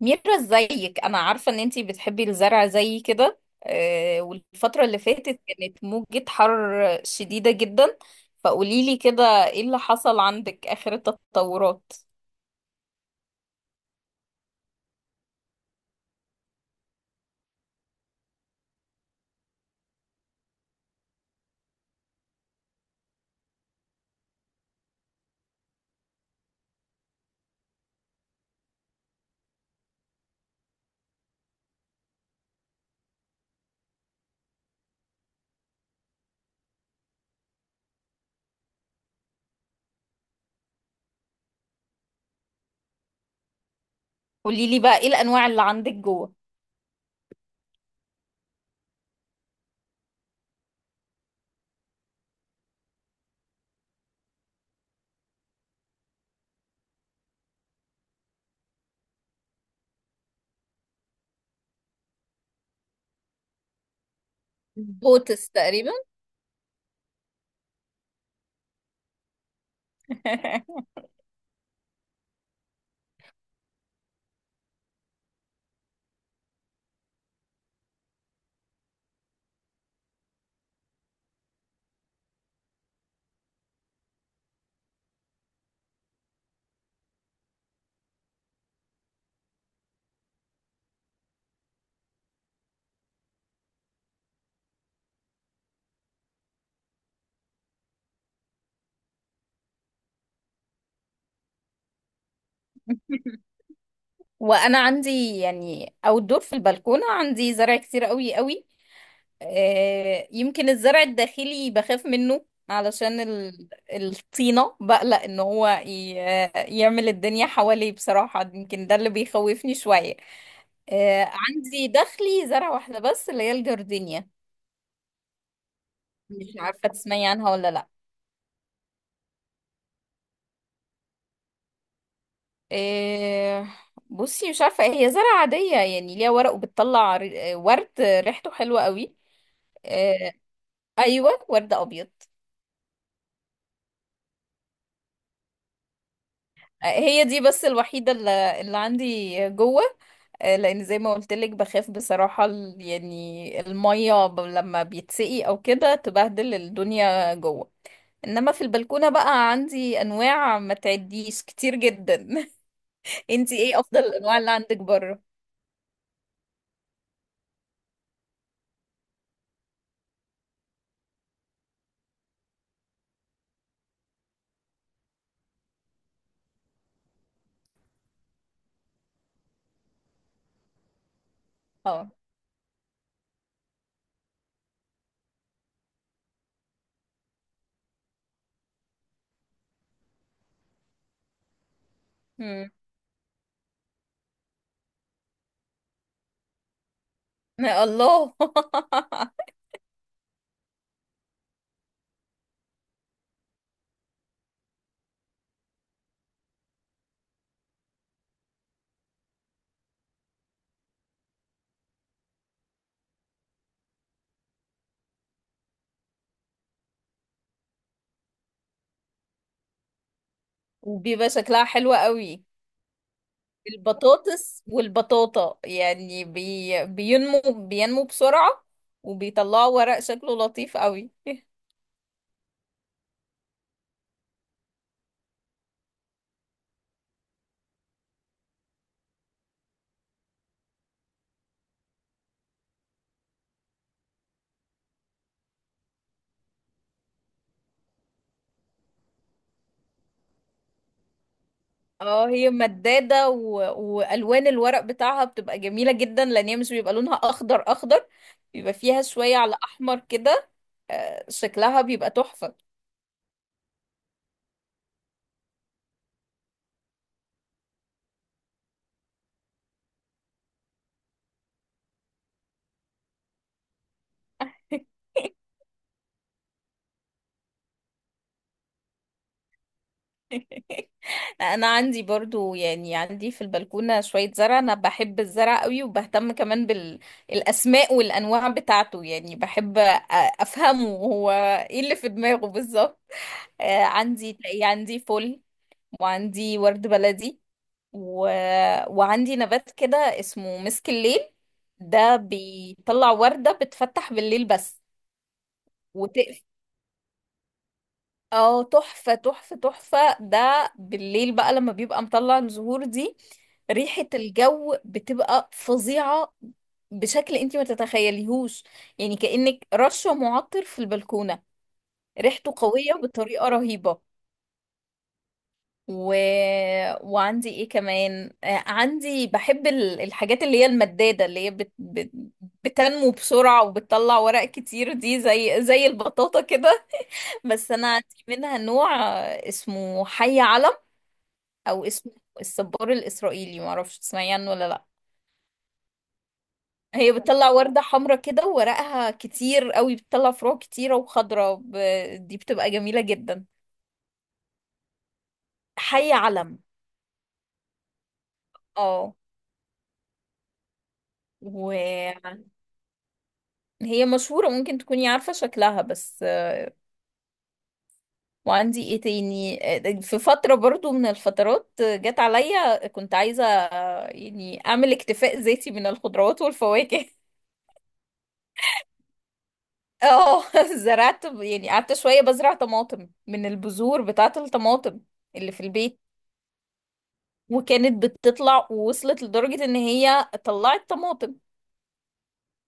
ميرا، زيك انا عارفة ان انتي بتحبي الزرع زي كده. والفترة اللي فاتت كانت موجة حر شديدة جدا. فقوليلي كده، ايه اللي حصل عندك، اخر التطورات؟ قوليلي بقى، ايه الانواع اللي عندك جوه؟ بوتس تقريبا. وانا عندي يعني outdoor في البلكونة، عندي زرع كتير قوي قوي. يمكن الزرع الداخلي بخاف منه، علشان الطينة، بقلق ان هو يعمل الدنيا حواليه بصراحة. يمكن ده اللي بيخوفني شوية. عندي داخلي زرع واحدة بس، اللي هي الجردينيا. مش عارفة تسمعي عنها ولا لا. آه، بصي، مش عارفة، هي زرع عادية، يعني ليها ورق وبتطلع ورد ريحته حلوة قوي. آه، ايوه، ورد ابيض. هي دي بس الوحيده اللي عندي جوه. لان زي ما قلت لك بخاف بصراحة، يعني المية لما بيتسقي او كده تبهدل الدنيا جوه. انما في البلكونة بقى عندي انواع ما تعديش كتير جدا. انتي ايه افضل الانواع اللي عندك بره؟ اه. مم. الله. وبيبقى شكلها حلو قوي. البطاطس والبطاطا، يعني بي... بينمو بينمو بسرعة، وبيطلعوا ورق شكله لطيف قوي. اه، هي مدادة، والوان الورق بتاعها بتبقى جميلة جدا، لان هي مش بيبقى لونها اخضر اخضر، بيبقى فيها شوية على احمر كده. شكلها بيبقى تحفة. انا عندي برضو، يعني عندي في البلكونة شوية زرع، انا بحب الزرع قوي وبهتم كمان بالاسماء والانواع بتاعته. يعني بحب افهمه، هو ايه اللي في دماغه بالظبط. عندي، تلاقي عندي فل، وعندي ورد بلدي، و... وعندي نبات كده اسمه مسك الليل. ده بيطلع وردة بتفتح بالليل بس، وتقف. اه، تحفة تحفة تحفة. ده بالليل بقى لما بيبقى مطلع الزهور دي، ريحة الجو بتبقى فظيعة، بشكل انتي ما تتخيليهوش. يعني كأنك رشة معطر في البلكونة. ريحته قوية بطريقة رهيبة. و... وعندي ايه كمان؟ عندي، بحب الحاجات اللي هي المدادة، اللي هي بتنمو بسرعة وبتطلع ورق كتير. دي زي البطاطا كده. بس انا عندي منها نوع اسمه حي علم، او اسمه الصبار الإسرائيلي. معرفش تسمعي عنه ولا لا. هي بتطلع وردة حمرا كده، وورقها كتير قوي، بتطلع فروع كتيرة وخضرة. دي بتبقى جميلة جدا. حي علم. اه. و هي مشهورة، ممكن تكوني عارفة شكلها بس. وعندي ايه تاني؟ في فترة برضو من الفترات جت عليا كنت عايزة، يعني اعمل اكتفاء ذاتي من الخضروات والفواكه. اه. زرعت، يعني قعدت شوية بزرع طماطم من البذور بتاعة الطماطم اللي في البيت. وكانت بتطلع، ووصلت لدرجة ان هي طلعت طماطم،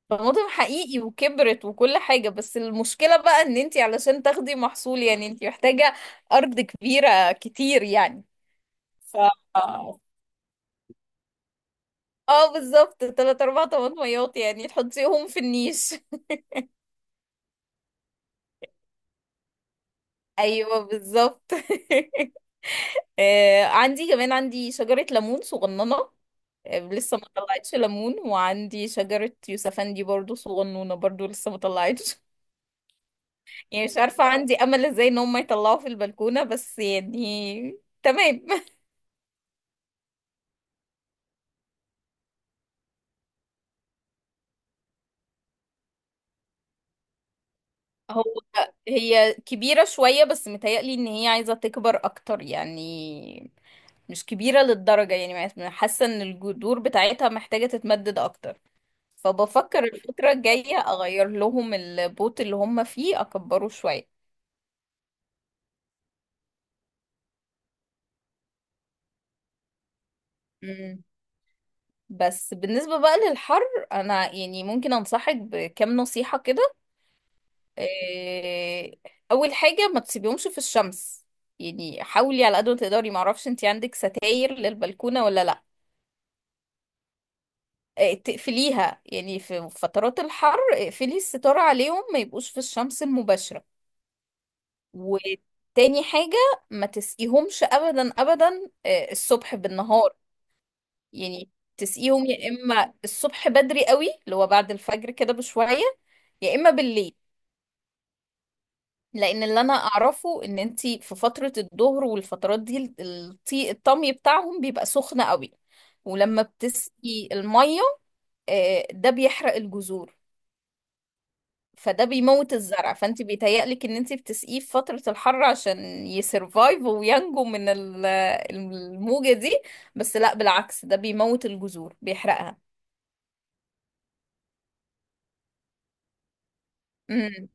طماطم حقيقي، وكبرت، وكل حاجة. بس المشكلة بقى ان انتي علشان تاخدي محصول، يعني انتي محتاجة ارض كبيرة كتير يعني. ف اه بالظبط، تلات اربع طماطميات يعني تحطيهم في النيش. ايوه بالظبط. آه، عندي كمان عندي شجرة ليمون صغننة. لسه ما طلعتش ليمون. وعندي شجرة يوسفندي برضو صغنونة، برضو لسه ما طلعتش. يعني مش عارفة عندي امل ازاي ان هم يطلعوا في البلكونة، بس يعني تمام. هو هي كبيرة شوية، بس متهيألي ان هي عايزة تكبر اكتر يعني. مش كبيرة للدرجة، يعني حاسة ان الجذور بتاعتها محتاجة تتمدد اكتر. فبفكر الفترة الجاية اغير لهم البوت اللي هم فيه، اكبره شوية. مم. بس بالنسبة بقى للحر، انا يعني ممكن انصحك بكام نصيحة كده. إيه، اول حاجة، ما تسيبيهمش في الشمس. يعني حاولي على قد ما تقدري، معرفش انتي عندك ستاير للبلكونة ولا لا. تقفليها يعني في فترات الحر، اقفلي الستارة عليهم، ما يبقوش في الشمس المباشرة. وتاني حاجة، ما تسقيهمش أبدا أبدا الصبح بالنهار. يعني تسقيهم يا إما الصبح بدري قوي، اللي هو بعد الفجر كده بشوية، يا إما بالليل. لأن اللي أنا أعرفه إن أنتي في فترة الظهر والفترات دي، الطمي بتاعهم بيبقى سخن قوي، ولما بتسقي المية، ده بيحرق الجذور، فده بيموت الزرع. فانت بيتهيألك ان انت بتسقيه في فترة الحر عشان يسرفايف، وينجو من الموجة دي، بس لا، بالعكس، ده بيموت الجذور، بيحرقها. امم.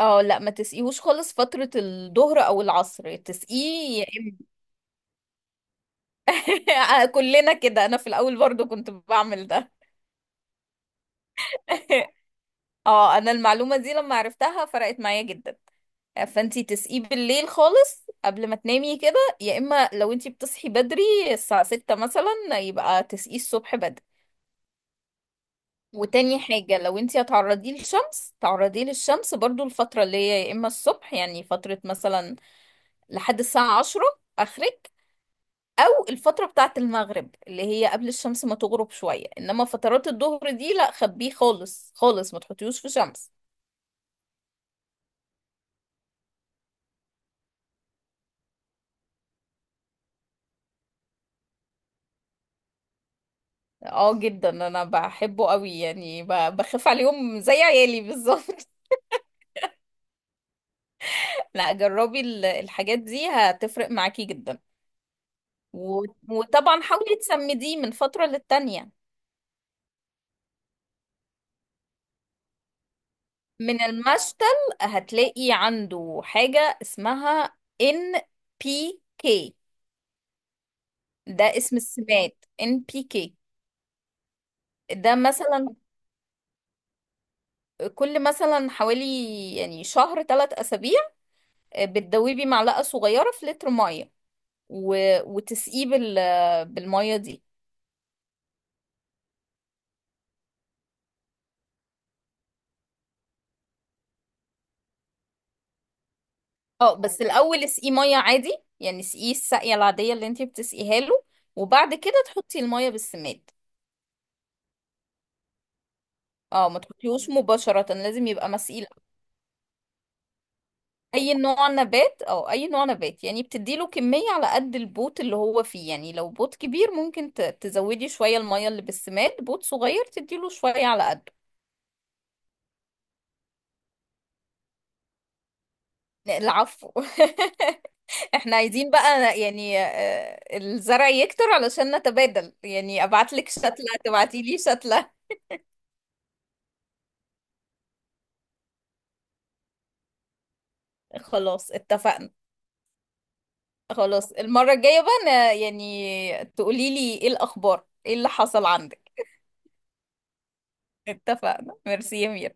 اه، لا، ما تسقيهوش خالص فترة الظهر او العصر. تسقيه يا كلنا كده، انا في الاول برضو كنت بعمل ده. اه، انا المعلومة دي لما عرفتها فرقت معايا جدا. فانتي تسقيه بالليل خالص قبل ما تنامي كده، يا اما لو انتي بتصحي بدري الساعة 6 مثلا، يبقى تسقيه الصبح بدري. وتاني حاجة، لو انتي هتعرضيه للشمس، تعرضيه للشمس برضو الفترة اللي هي يا اما الصبح، يعني فترة مثلا لحد الساعة 10 اخرك، او الفترة بتاعة المغرب اللي هي قبل الشمس ما تغرب شوية. انما فترات الظهر دي لا، خبيه خالص خالص، ما تحطيهوش في شمس. اه جدا، انا بحبه قوي، يعني بخاف عليهم زي عيالي بالظبط. لا، جربي الحاجات دي، هتفرق معاكي جدا. وطبعا حاولي تسمديه من فترة للتانية، من المشتل. هتلاقي عنده حاجة اسمها NPK. ده اسم السماد NPK. ده مثلا كل مثلا حوالي، يعني شهر 3 أسابيع، بتدوبي معلقة صغيرة في لتر مية، و... وتسقيه بالمية دي. اه، بس الاول اسقيه ميه عادي، يعني اسقيه السقيه العاديه اللي انتي بتسقيها له، وبعد كده تحطي الميه بالسماد. اه، ما تحطيهوش مباشره، لازم يبقى مسقي. اي نوع نبات، او اي نوع نبات يعني، بتديله كميه على قد البوت اللي هو فيه. يعني لو بوت كبير ممكن تزودي شويه الميه اللي بالسماد، بوت صغير تديله شويه على قده. العفو. احنا عايزين بقى، يعني الزرع يكتر، علشان نتبادل، يعني ابعتلك شتلة تبعتيلي شتلة. خلاص اتفقنا. خلاص، المرة الجاية بقى أنا يعني تقولي لي ايه الأخبار، ايه اللي حصل عندك. اتفقنا، ميرسي يا ميرا.